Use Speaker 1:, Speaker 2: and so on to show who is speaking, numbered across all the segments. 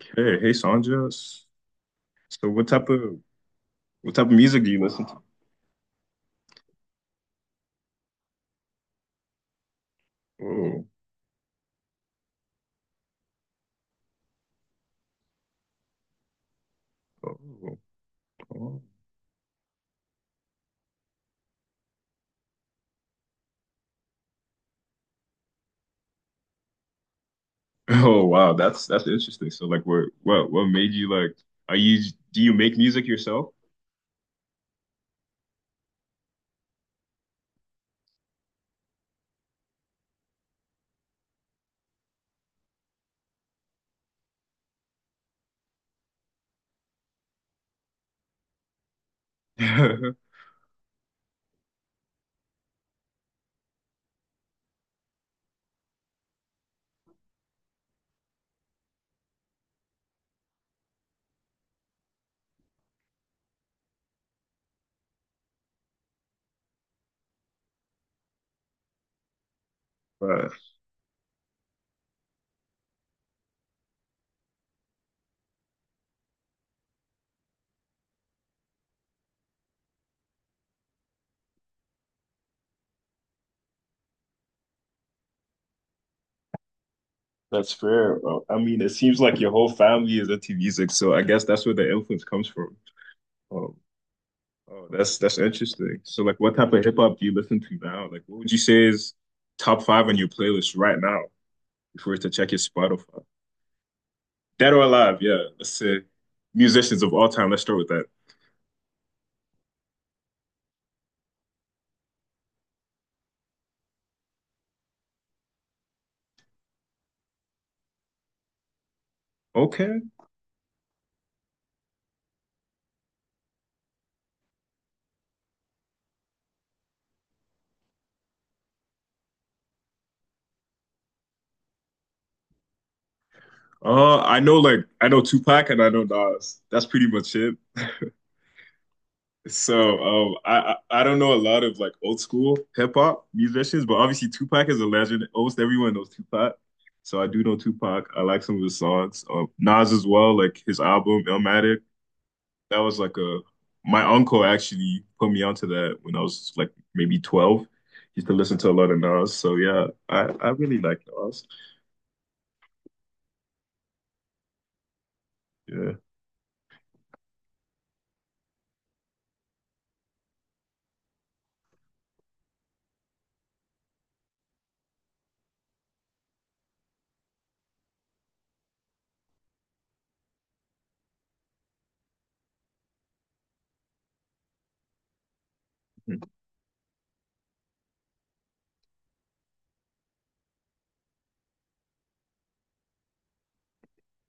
Speaker 1: Hey, hey, Sandra. S- So, what type of what type of music do you listen to? Oh, oh, oh. Oh, wow, that's interesting. So, like, what made you like? Are you do you make music yourself? Wow, that's fair, bro. I mean, it seems like your whole family is into music, so I guess that's where the influence comes from. Oh, oh, that's interesting. So, like, what type of hip hop do you listen to now? Like, what would you say is top five on your playlist right now if we were to check your Spotify? Dead or alive, yeah. Let's say musicians of all time. Let's start with that. Okay. I know like I know Tupac and I know Nas. That's pretty much it. So I don't know a lot of like old school hip hop musicians, but obviously Tupac is a legend. Almost everyone knows Tupac. So I do know Tupac. I like some of his songs. Nas as well, like his album Illmatic. That was like a my uncle actually put me onto that when I was like maybe 12. Used to listen to a lot of Nas. So yeah, I really like Nas. Yeah.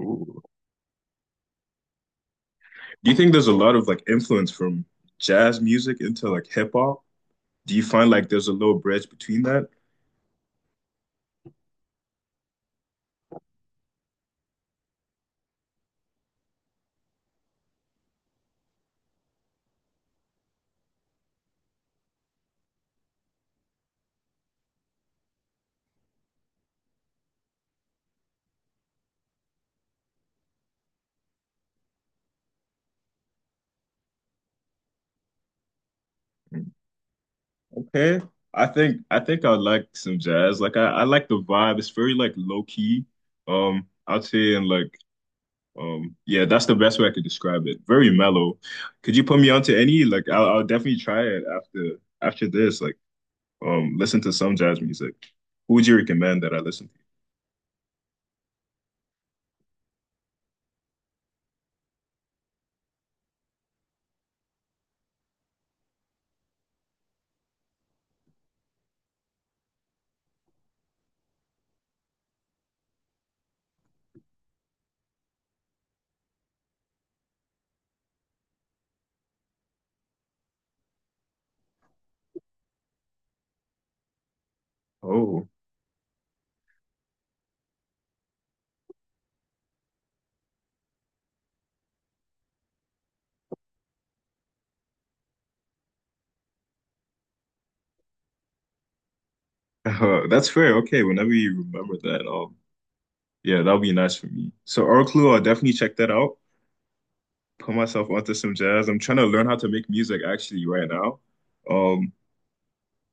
Speaker 1: Ooh. Do you think there's a lot of like influence from jazz music into like hip hop? Do you find like there's a little bridge between that? Mm, Okay. I think I like some jazz. Like I like the vibe. It's very like low key. I'd say and like yeah, that's the best way I could describe it. Very mellow. Could you put me onto any? Like I'll definitely try it after this. Like listen to some jazz music. Who would you recommend that I listen to? That's fair. Okay, whenever you remember that, yeah, that'll be nice for me. So Oraclue, I'll definitely check that out. Put myself onto some jazz. I'm trying to learn how to make music actually right now. Um,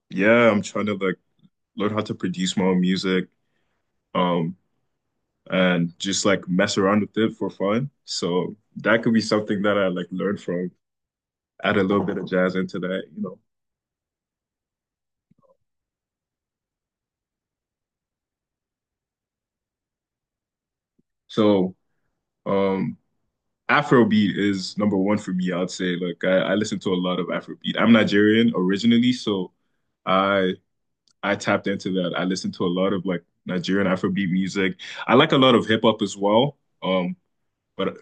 Speaker 1: yeah, I'm trying to like learn how to produce my own music, um, and just like mess around with it for fun. So that could be something that I like learn from. Add a little bit of jazz into that, you know. So, um. Afrobeat is number one for me, I'd say. Like I listen to a lot of Afrobeat. I'm Nigerian originally, so I I tapped into that. I listen to a lot of like Nigerian Afrobeat music. I like a lot of hip hop as well. Um, but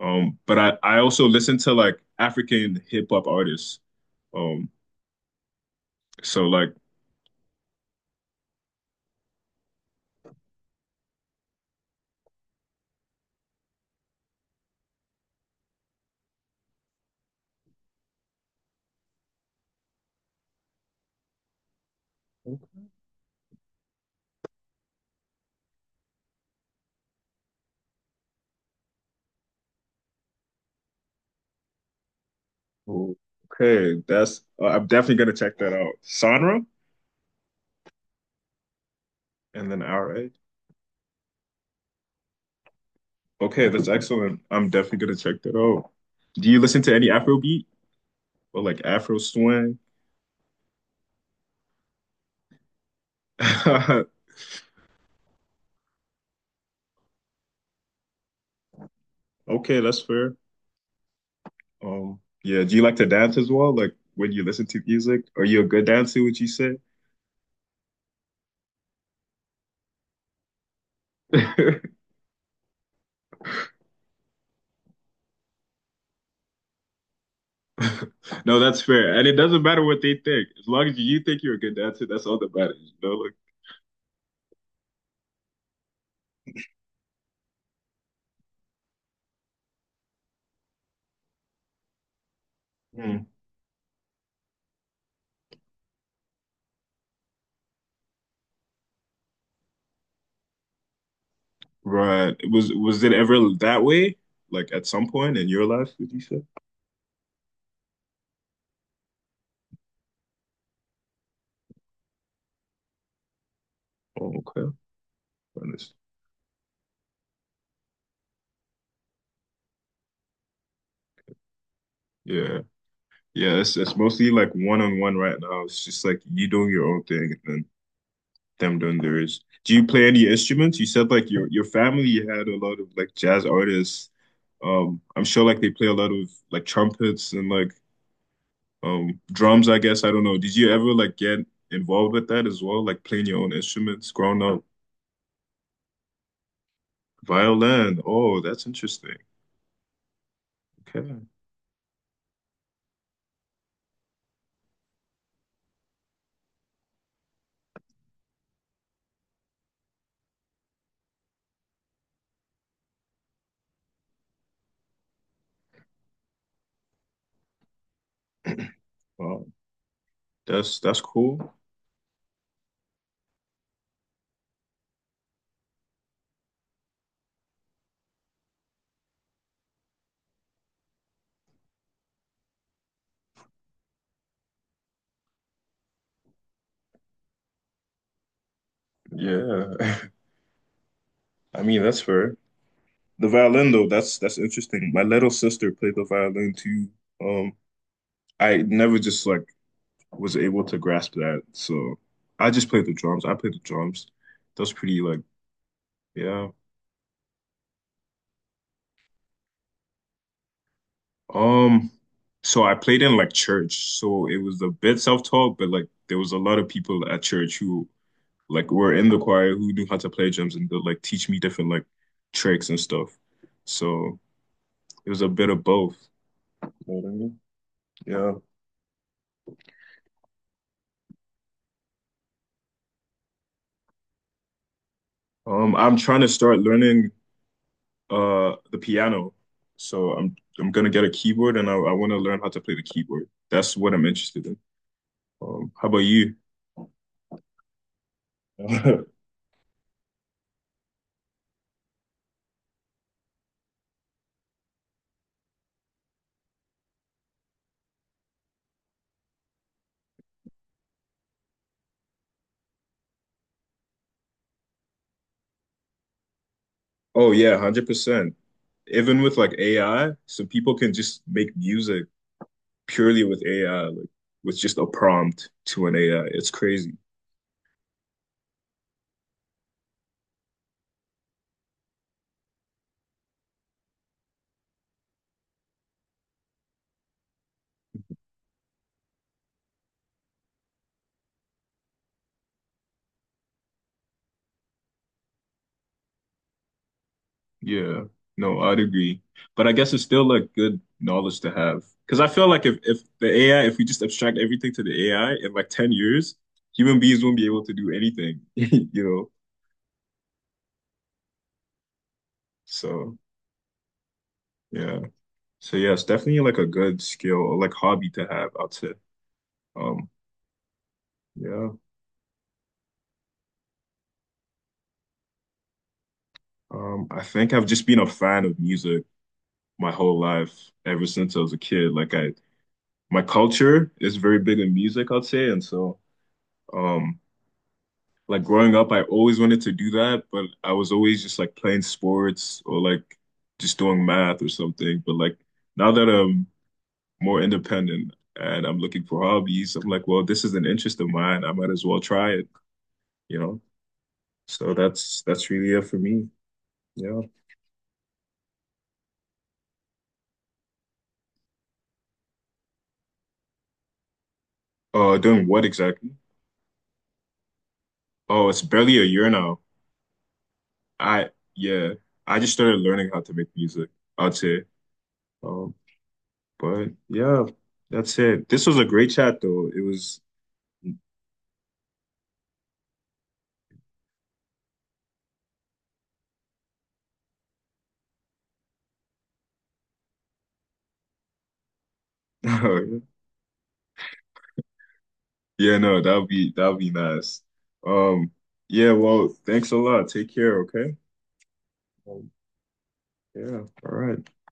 Speaker 1: but I also listen to like African hip hop artists. Um, so like Okay, that's I'm definitely gonna check that out. Sonra and then Ra. Okay, that's excellent. I'm definitely gonna check that out. Do you listen to any Afrobeat or like Afro swing? Okay, that's fair. Yeah, do you like to dance as well? Like when you listen to music, are you a good dancer, would you say? No, that's fair. And it doesn't matter what they think. As long as you think you're a good dancer, that's all that matters, you know? Like, hmm, right. Was it ever that way? Like at some point in your life, would you say? Oh, okay. Honest. Yeah. Yeah, it's mostly like one on one right now. It's just like you doing your own thing and then them doing theirs. Do you play any instruments? You said like your family had a lot of like jazz artists. I'm sure like they play a lot of like trumpets and like drums, I guess. I don't know. Did you ever like get involved with that as well? Like playing your own instruments growing up? Violin. Oh, that's interesting. Okay. Wow. That's cool. Yeah. I mean, that's fair. The violin though, that's interesting. My little sister played the violin too. Um, I never just like was able to grasp that. So I just played the drums. I played the drums. That's pretty like yeah. Um, so I played in like church. So it was a bit self-taught, but like there was a lot of people at church who like were in the choir who knew how to play drums and they'd like teach me different like tricks and stuff. So it was a bit of both. You know what I mean? Yeah. I'm trying to start learning the piano. So I'm gonna get a keyboard and I want to learn how to play the keyboard. That's what I'm interested in. How about you? Oh yeah, 100%. Even with like AI, so people can just make music purely with AI, like with just a prompt to an AI. It's crazy. Yeah, no, I'd agree. But I guess it's still a good knowledge to have. Because I feel like if the AI, if we just abstract everything to the AI in like 10 years, human beings won't be able to do anything, you know? So, yeah. So, yeah, it's definitely like a good skill or like hobby to have, I'd say. Um, yeah. I think I've just been a fan of music my whole life ever since I was a kid. Like my culture is very big in music, I'd say. Um, Like growing up, I always wanted to do that, but I was always just like playing sports or like just doing math or something. But like now that I'm more independent and I'm looking for hobbies, I'm like, well, this is an interest of mine. I might as well try it, you know? So that's really it for me. Yeah. Doing what exactly? Oh, it's barely a year now. I yeah, I just started learning how to make music, I'd say. Um, but yeah, that's it. This was a great chat though. It was Yeah, no, that'll be nice. Um, yeah, well, thanks a lot. Take care, okay? Um, yeah, all right.